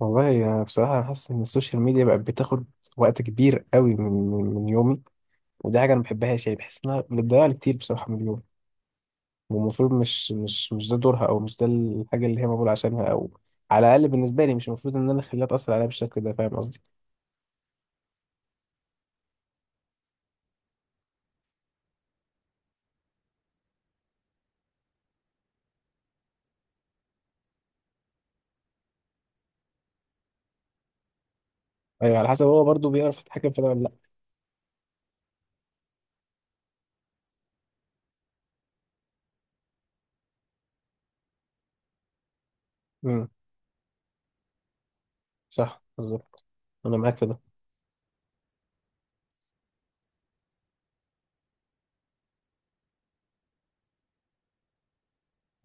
والله أنا، بصراحة، أنا حاسس إن السوشيال ميديا بقت بتاخد وقت كبير قوي من يومي. ودي حاجة أنا ما بحبهاش، يعني بحس إنها بتضيع لي كتير بصراحة من اليوم. والمفروض مش ده دورها، أو مش ده الحاجة اللي هي مقبولة عشانها، أو على الأقل بالنسبة لي مش المفروض إن أنا أخليها تأثر عليا بالشكل ده. فاهم قصدي؟ أيوه، على حسب هو برضه بيعرف يتحكم في ده ولا لأ. امم. صح، بالظبط. أنا معاك في ده.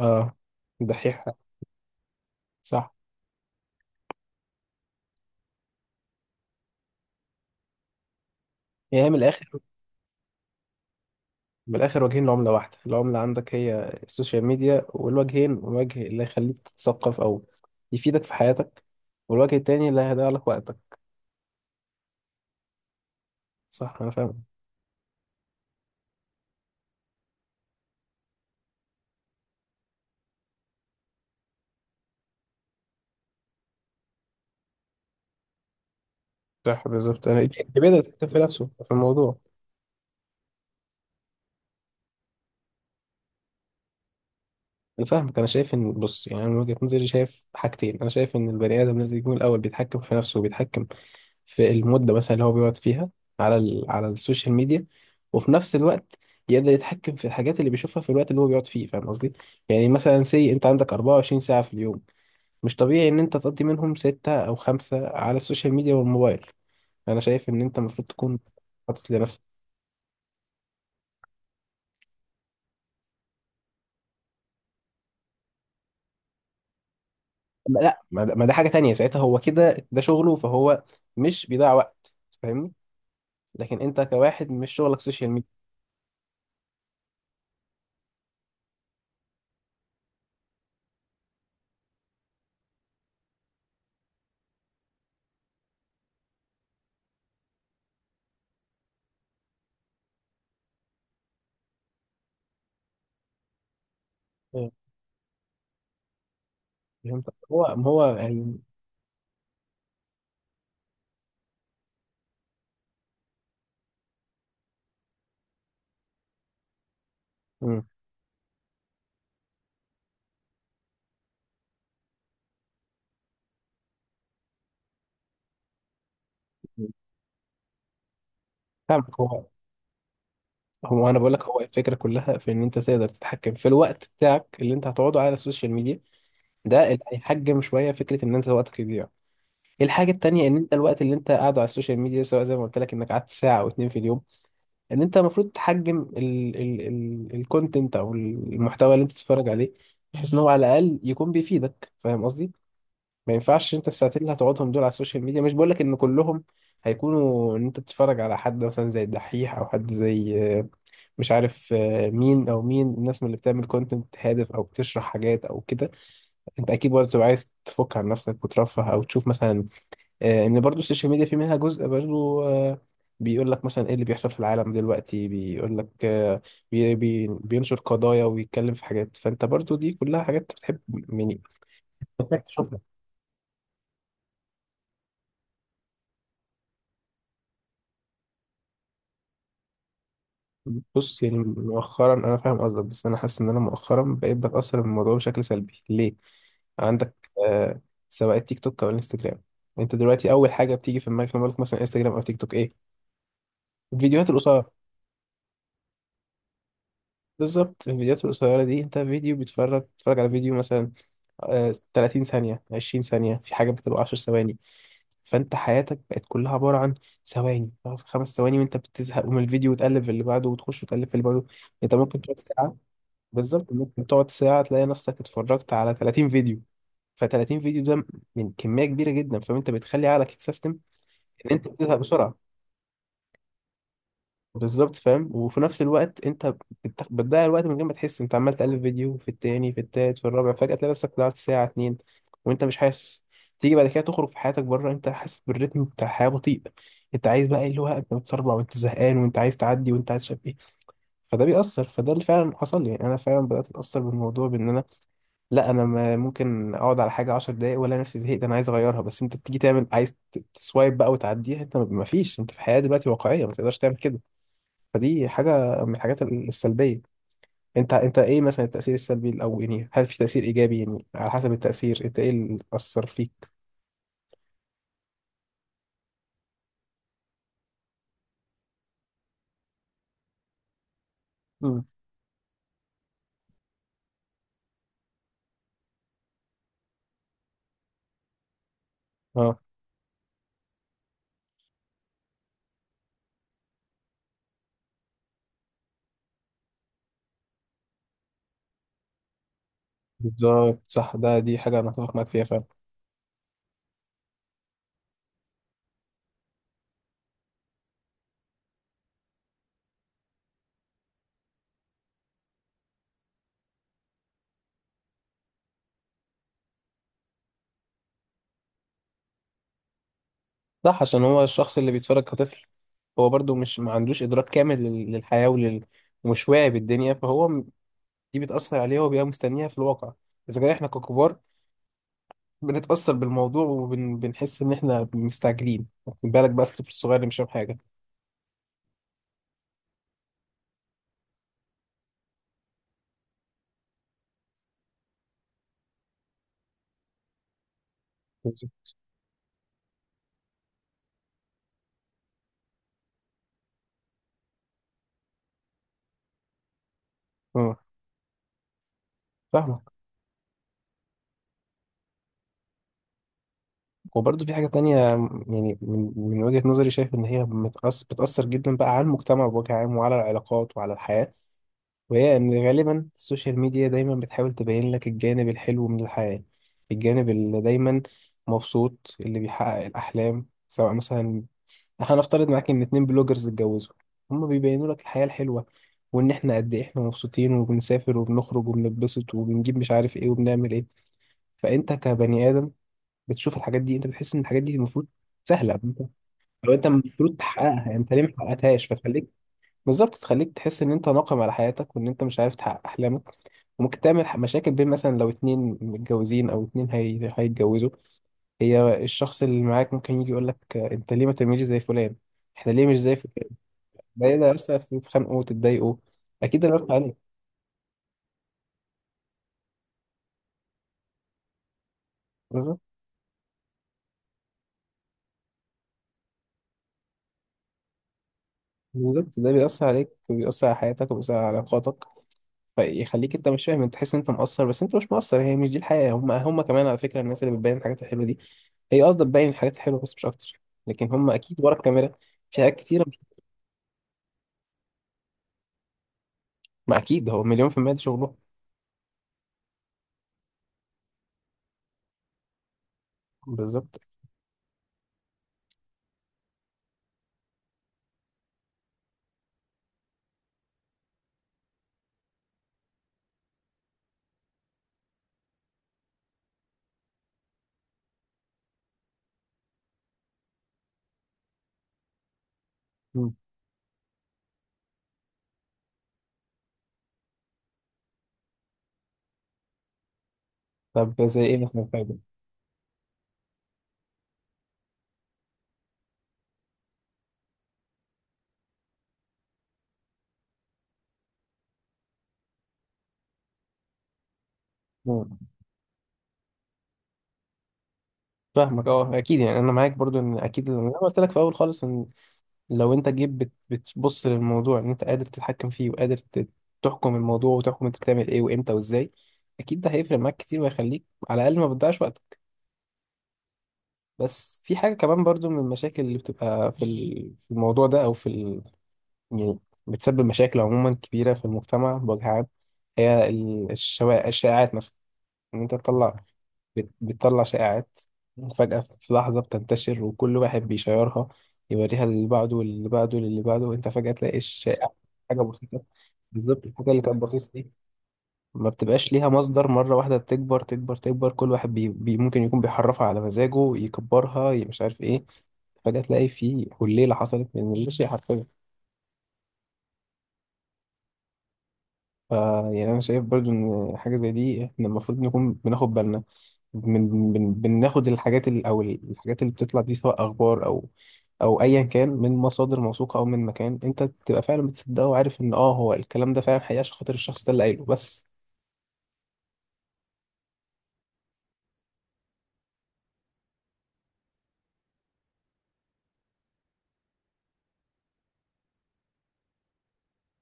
أه، دحيح. صح. يعني هي من الآخر، من الاخر وجهين لعمله واحده. العمله عندك هي السوشيال ميديا، والوجهين وجه اللي هيخليك تتثقف او يفيدك في حياتك، والوجه التاني اللي هيضيع لك وقتك. صح، انا فاهم. صح، بالظبط. انا اللي بدأت في نفسه في الموضوع. انا فاهمك. انا شايف ان، بص، يعني انا من وجهة نظري شايف حاجتين. انا شايف ان البني ادم لازم يكون الاول بيتحكم في نفسه، وبيتحكم في المده مثلا اللي هو بيقعد فيها على على السوشيال ميديا، وفي نفس الوقت يقدر يتحكم في الحاجات اللي بيشوفها في الوقت اللي هو بيقعد فيه. فاهم قصدي؟ يعني مثلا سي، انت عندك 24 ساعه في اليوم، مش طبيعي ان انت تقضي منهم ستة او خمسة على السوشيال ميديا والموبايل. انا شايف ان انت المفروض تكون حاطط لنفسك. لا، ما ده حاجه تانية، ساعتها هو كده، ده شغله، فهو مش بيضيع وقت. فاهمني. لكن انت كواحد مش شغلك سوشيال ميديا. مم. فهمت. هو ما هو يعني. مم. فاهمك. هو انا بقول لك، هو الفكره كلها في ان انت تقدر تتحكم في الوقت بتاعك اللي انت هتقعده على السوشيال ميديا. ده اللي هيحجم شويه فكره ان انت وقتك يضيع. الحاجه التانيه، ان انت الوقت اللي انت قاعده على السوشيال ميديا، سواء زي ما قلت لك انك قعدت ساعه او اتنين في اليوم، ان انت المفروض تحجم ال ال ال الكونتنت او المحتوى اللي انت بتتفرج عليه، بحيث ان هو على الاقل يكون بيفيدك. فاهم قصدي؟ ما ينفعش انت الساعتين اللي هتقعدهم دول على السوشيال ميديا، مش بقولك ان كلهم هيكونوا ان انت تتفرج على حد مثلا زي الدحيح، او حد زي، مش عارف، مين او مين الناس من اللي بتعمل كونتنت هادف او بتشرح حاجات او كده. انت اكيد برضه تبقى عايز تفك عن نفسك وترفه، او تشوف مثلا، ان برضه السوشيال ميديا في منها جزء برضه، بيقول لك مثلا ايه اللي بيحصل في العالم دلوقتي، بيقول لك، بي بي بينشر قضايا ويتكلم في حاجات، فانت برضه دي كلها حاجات بتحب، يعني محتاج تشوفها. بص، يعني مؤخرا، انا فاهم قصدك، بس انا حاسس ان انا مؤخرا بقيت بتاثر بالموضوع بشكل سلبي. ليه؟ عندك سواء التيك توك او الانستجرام، انت دلوقتي اول حاجه بتيجي في دماغك لما أقول لك مثلا انستجرام او تيك توك ايه؟ الفيديوهات القصيره. بالظبط. الفيديوهات القصيره دي، انت فيديو بتتفرج على فيديو مثلا 30 ثانيه، 20 ثانيه، في حاجه بتبقى 10 ثواني. فانت حياتك بقت كلها عباره عن ثواني، 5 ثواني وانت بتزهق من الفيديو وتقلب في اللي بعده، وتخش وتقلب في اللي بعده. انت ممكن تقعد ساعه. بالظبط، ممكن تقعد ساعة تلاقي نفسك اتفرجت على 30 فيديو، ف30 فيديو ده من كمية كبيرة جدا، فانت بتخلي عقلك يتسيستم ان انت بتزهق بسرعة. بالظبط، فاهم. وفي نفس الوقت انت بتضيع الوقت من غير ما تحس، انت عمال تقلب فيديو في التاني، في التالت، في الرابع، فجأة تلاقي نفسك ضيعت ساعة اتنين وانت مش حاسس. تيجي بعد كده تخرج في حياتك بره، انت حاسس بالريتم بتاع الحياة بطيء. انت عايز بقى، اللي هو انت متسربع، وانت زهقان، وانت عايز تعدي، وانت عايز شايف ايه. فده بيأثر، فده اللي فعلا حصل لي. يعني انا فعلا بدأت اتأثر بالموضوع بان انا، لا، انا ممكن اقعد على حاجه 10 دقايق ولا نفسي، زهقت، انا عايز اغيرها. بس انت بتيجي تعمل عايز تسوايب بقى وتعديها، انت ما فيش، انت في حياه دلوقتي واقعيه ما تقدرش تعمل كده. فدي حاجه من الحاجات السلبيه. انت ايه مثلا التاثير السلبي، او يعني هل في تاثير ايجابي؟ يعني على حسب التاثير، انت ايه اللي اثر فيك؟ مم. اه. بالظبط، صح. دي حاجه انا اتفق معاك فيها فعلا. صح، عشان هو الشخص اللي بيتفرج كطفل، هو برضو مش ما عندوش ادراك كامل للحياه ومش واعي بالدنيا، فهو دي بتأثر عليه وبيبقى مستنيها في الواقع. إذا كان إحنا ككبار بنتأثر بالموضوع وبنحس إن إحنا مستعجلين، خد بالك بقى الطفل الصغير اللي مش فاهم حاجة. بالظبط. اه، فاهمك. وبرضه في حاجة تانية، يعني من وجهة نظري شايف إن هي متأثر بتأثر جدا بقى على المجتمع بوجه عام، وعلى العلاقات وعلى الحياة. وهي إن غالبا السوشيال ميديا دايما بتحاول تبين لك الجانب الحلو من الحياة، الجانب اللي دايما مبسوط، اللي بيحقق الأحلام. سواء مثلا، هنفترض معاك ان اتنين بلوجرز اتجوزوا، هما بيبينوا لك الحياة الحلوة، وان احنا قد ايه احنا مبسوطين وبنسافر وبنخرج وبنتبسط وبنجيب مش عارف ايه وبنعمل ايه. فانت كبني ادم بتشوف الحاجات دي، انت بتحس ان الحاجات دي المفروض سهلة، انت لو انت المفروض تحققها، يعني انت ليه ما حققتهاش؟ فتخليك، بالظبط، تخليك تحس ان انت ناقم على حياتك، وان انت مش عارف تحقق احلامك. وممكن تعمل مشاكل بين، مثلا، لو اتنين متجوزين او اتنين هيتجوزوا. هي الشخص اللي معاك ممكن يجي يقول لك انت ليه ما تعملش زي فلان، احنا ليه مش زي فلان؟ ده ايه؟ ده يأثر في، تتخانقوا وتتضايقوا. اكيد ده بيأثر عليك. بالظبط، بالظبط. ده بيأثر عليك، وبيأثر على حياتك، وبيأثر على علاقاتك. فيخليك انت مش فاهم، انت تحس ان انت مقصر، بس انت مش مقصر. هي مش دي الحقيقة. هم كمان على فكرة، الناس اللي بتبين الحاجات الحلوة دي، هي قصدها تبين الحاجات الحلوة بس، مش اكتر. لكن هم اكيد ورا الكاميرا في حاجات كتيرة مش... ما اكيد هو مليون في المية ده شغلهم. بالظبط. مم. طب زي ايه مثلا فايدة؟ مم. فاهمك، اه، اكيد. يعني انا معاك برضو ان اكيد، زي ما قلت لك في الاول خالص، ان لو انت جيت بتبص للموضوع ان انت قادر تتحكم فيه، وقادر تحكم الموضوع، وتحكم انت بتعمل ايه وامتى وازاي، اكيد ده هيفرق معاك كتير وهيخليك على الاقل ما بتضيعش وقتك. بس في حاجه كمان برضو من المشاكل اللي بتبقى في في الموضوع ده، او في يعني بتسبب مشاكل عموما كبيره في المجتمع بوجه عام. هي الشائعات مثلا. ان انت تطلع، بتطلع شائعات فجأة في لحظة، بتنتشر، وكل واحد بيشيرها، يوريها للي بعده واللي بعده واللي بعده، وانت فجأة تلاقي الشائع حاجة بسيطة. بالظبط، الحاجة اللي كانت بسيطة دي ما بتبقاش ليها مصدر، مرة واحدة تكبر تكبر تكبر، كل واحد بي بي ممكن يكون بيحرفها على مزاجه، يكبرها، مش عارف ايه، فجأة تلاقي في حليلة حصلت من اللاشيء حرفيا. ف يعني انا شايف برضو ان حاجه زي دي احنا المفروض نكون بناخد بالنا من بناخد الحاجات اللي، او الحاجات اللي بتطلع دي، سواء اخبار او او ايا كان، من مصادر موثوقه، او من مكان انت تبقى فعلا بتصدقه وعارف ان اه هو الكلام ده فعلا حقيقي، عشان خاطر الشخص ده اللي قايله بس.